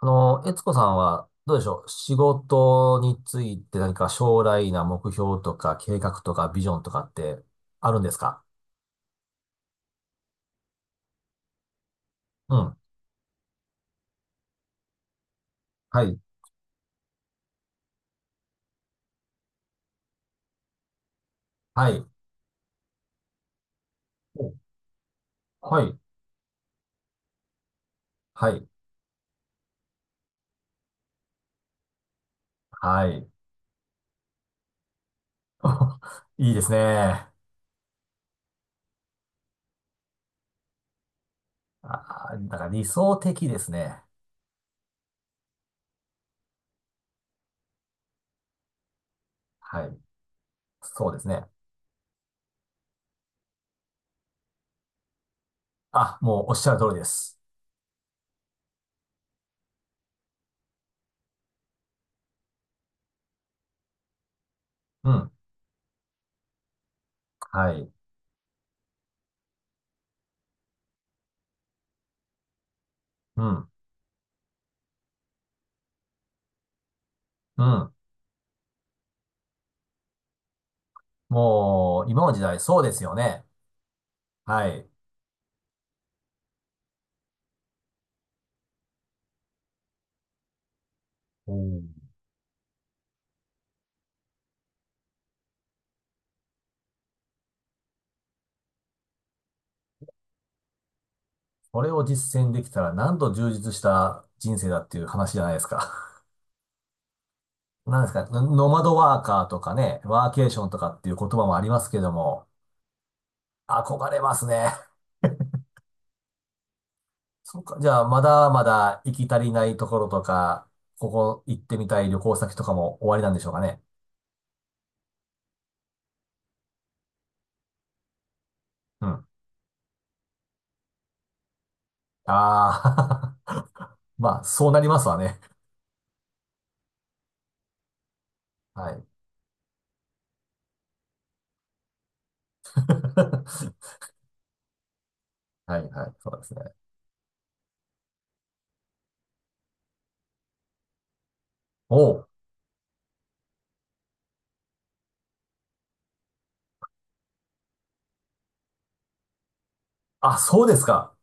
あの、悦子さんは、どうでしょう。仕事について何か将来な目標とか計画とかビジョンとかってあるんですか？うん。はい。はい。お。はい。はい。はい。いいですね。あ、なんか理想的ですね。はい。そうですね。あ、もうおっしゃる通りです。うん。はい。うん。うん。もう、今の時代、そうですよね。はい。おー。これを実践できたらなんと充実した人生だっていう話じゃないですか。なんですか、ノマドワーカーとかね、ワーケーションとかっていう言葉もありますけども、憧れますね。そうか、じゃあまだまだ行き足りないところとか、ここ行ってみたい旅行先とかも終わりなんでしょうかね。うん。ああ。 まあ、そうなりますわね。はい。はい、はい、そうですね。おう。あ、そうですか。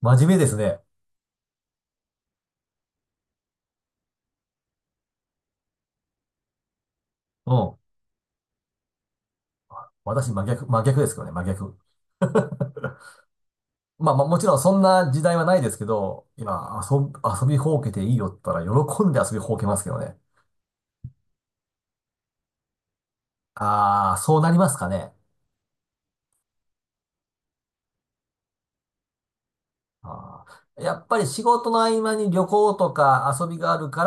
真面目ですね。うん。私真逆、真逆ですけどね、真逆。まあまあもちろんそんな時代はないですけど、今遊び、遊びほうけていいよって言ったら喜んで遊びほうけますけどね。ああ、そうなりますかね。あー、やっぱり仕事の合間に旅行とか遊びがあるか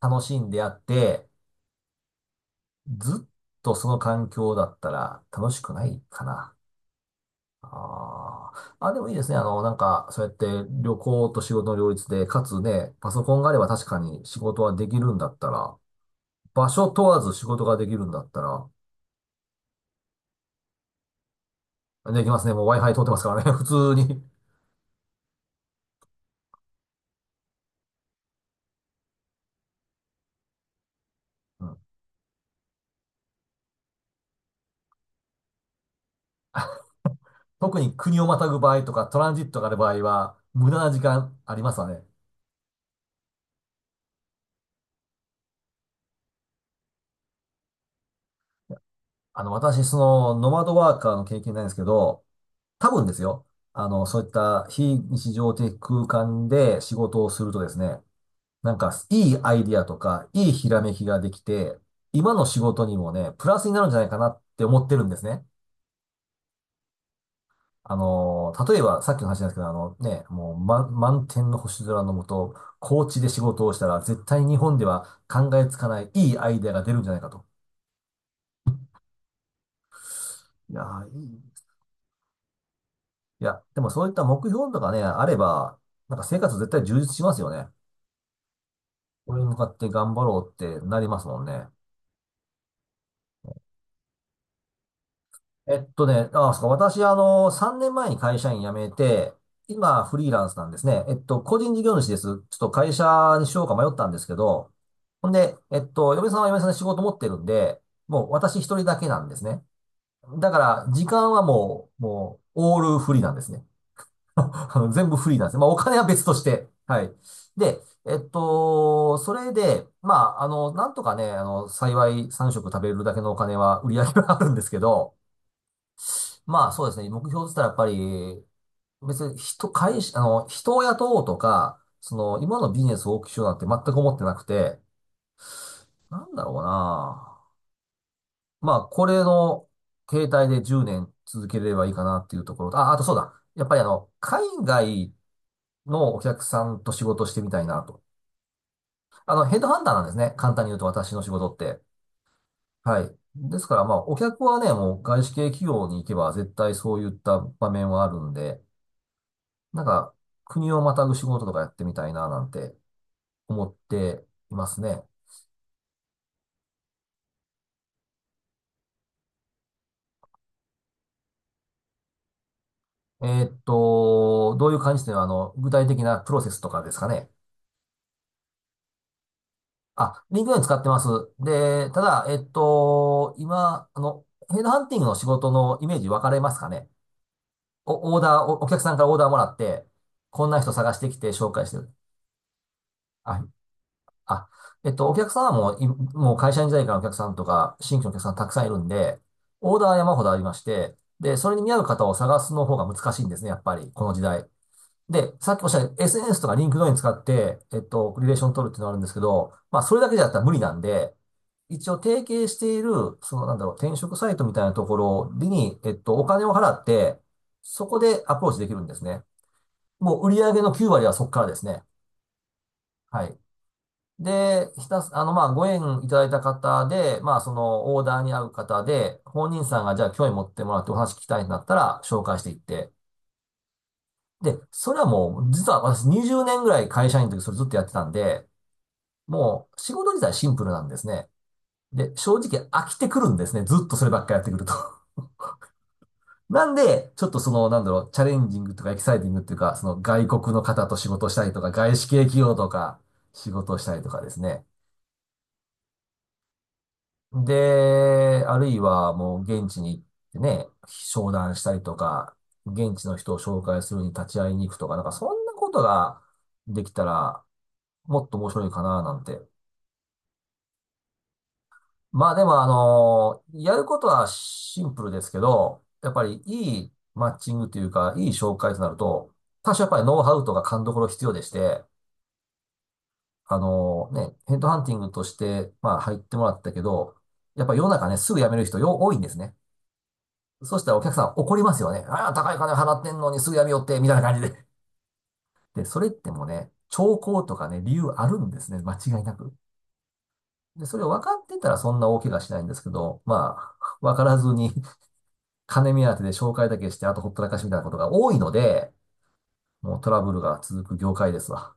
ら楽しんであって、ずっとその環境だったら楽しくないかな。あーあ、でもいいですね。あの、なんか、そうやって旅行と仕事の両立で、かつね、パソコンがあれば確かに仕事はできるんだったら、場所問わず仕事ができるんだったら、できますね。もう Wi-Fi 通ってますからね。普通に。うん。特に国をまたぐ場合とか、トランジットがある場合は、無駄な時間ありますわね。あの、私、その、ノマドワーカーの経験ないんですけど、多分ですよ。あの、そういった非日常的空間で仕事をするとですね、なんか、いいアイディアとか、いいひらめきができて、今の仕事にもね、プラスになるんじゃないかなって思ってるんですね。あの、例えば、さっきの話なんですけど、あのね、もう、満天の星空の下、高地で仕事をしたら、絶対日本では考えつかないいいアイデアが出るんじゃないかと。いやー、いい。いや、でもそういった目標とかね、あれば、なんか生活絶対充実しますよね。これに向かって頑張ろうってなりますもんね。あ、そうか、私、あの、3年前に会社員辞めて、今、フリーランスなんですね。個人事業主です。ちょっと会社にしようか迷ったんですけど、ほんで、嫁さんは嫁さんで仕事持ってるんで、もう私一人だけなんですね。だから、時間はもう、オールフリーなんですね。あの全部フリーなんですね。まあ、お金は別として。はい。で、それで、まあ、あの、なんとかね、あの、幸い3食食べるだけのお金は、売り上げはあるんですけど、まあそうですね。目標って言ったらやっぱり、別に人、会社、あの、人を雇おうとか、その、今のビジネスを大きくしようなんて全く思ってなくて、なんだろうな。まあ、これの携帯で10年続けれればいいかなっていうところと、あ、あとそうだ。やっぱりあの、海外のお客さんと仕事してみたいなと。あの、ヘッドハンターなんですね。簡単に言うと私の仕事って。はい。ですからまあ、お客はね、もう外資系企業に行けば絶対そういった場面はあるんで、なんか、国をまたぐ仕事とかやってみたいな、なんて思っていますね。どういう感じで、あの、具体的なプロセスとかですかね。あ、リンクドイン使ってます。で、ただ、今、あの、ヘッドハンティングの仕事のイメージ分かれますかね。お、オーダー、お客さんからオーダーもらって、こんな人探してきて紹介してる。あ、あ、お客さんはもう、もう会社員時代からのお客さんとか、新規のお客さんたくさんいるんで、オーダーは山ほどありまして、で、それに見合う方を探すの方が難しいんですね、やっぱり、この時代。で、さっきおっしゃった SNS とか LinkedIn 使って、リレーション取るっていうのがあるんですけど、まあ、それだけじゃったら無理なんで、一応提携している、その、なんだろう、転職サイトみたいなところに、お金を払って、そこでアプローチできるんですね。もう売り上げの9割はそこからですね。はい。で、ひたす、あの、まあ、ご縁いただいた方で、まあ、その、オーダーに合う方で、本人さんが、じゃあ、興味持ってもらってお話聞きたいんだったら、紹介していって。で、それはもう、実は私20年ぐらい会社員の時それずっとやってたんで、もう、仕事自体シンプルなんですね。で、正直飽きてくるんですね。ずっとそればっかりやってくると。なんで、ちょっとその、なんだろう、チャレンジングとかエキサイティングっていうか、その、外国の方と仕事したりとか、外資系企業とか、仕事をしたりとかですね。で、あるいはもう現地に行ってね、商談したりとか、現地の人を紹介するに立ち会いに行くとか、なんかそんなことができたらもっと面白いかななんて。まあでもあの、やることはシンプルですけど、やっぱりいいマッチングというか、いい紹介となると、多少やっぱりノウハウとか勘どころ必要でして、あのね、ヘッドハンティングとして、まあ入ってもらったけど、やっぱり世の中ね、すぐ辞める人よ、多いんですね。そしたらお客さん怒りますよね。ああ、高い金払ってんのにすぐやめよって、みたいな感じで。で、それってもね、兆候とかね、理由あるんですね。間違いなく。で、それを分かってたらそんな大怪我しないんですけど、まあ、分からずに。 金目当てで紹介だけして、あとほったらかしみたいなことが多いので、もうトラブルが続く業界ですわ。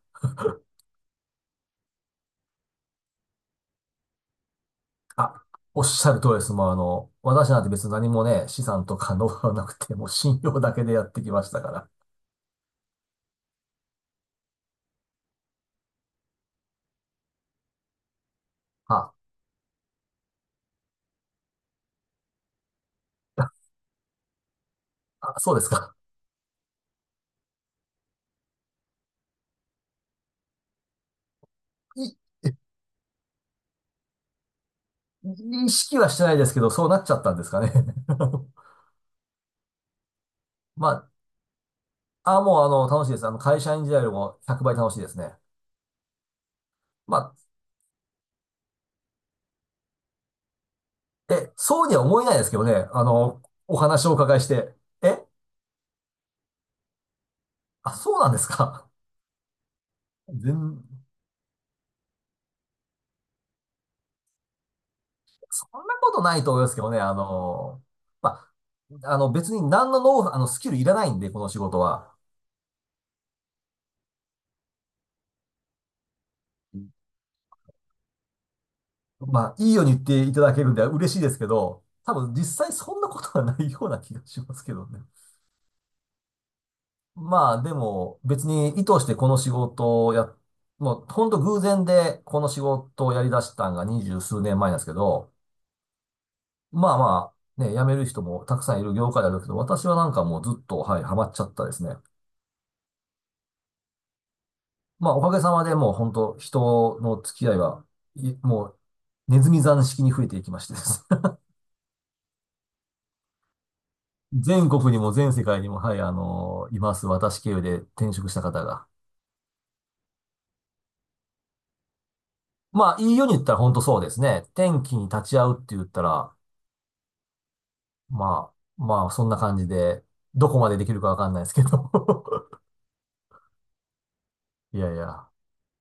あ、おっしゃる通りです。もうあの、私なんて別に何もね、資産とかノウハウなくて、もう信用だけでやってきましたから。あ、あ、そうですか。い意識はしてないですけど、そうなっちゃったんですかね。まあ、あ、もうあの、楽しいです。あの、会社員時代よりも100倍楽しいですね。まあ、え、そうには思えないですけどね。あの、お話をお伺いして。え、あ、そうなんですか。全、そんなことないと思いますけどね。あの、まあ、あの、別に何のノウ、あの、スキルいらないんで、この仕事は。まあ、いいように言っていただけるんで嬉しいですけど、多分実際そんなことはないような気がしますけどね。まあでも別に意図してこの仕事をや、もうほんと偶然でこの仕事をやり出したんが二十数年前なんですけど、まあまあね、辞める人もたくさんいる業界であるけど、私はなんかもうずっと、はい、ハマっちゃったですね。まあおかげさまでもう本当人の付き合いは、もうネズミ算式に増えていきましてです。全国にも全世界にも、はい、あのいます。私経由で転職した方が。まあ、いいように言ったら本当そうですね。天気に立ち会うって言ったら、ままあ、そんな感じで、どこまでできるかわかんないですけど。 いやいや。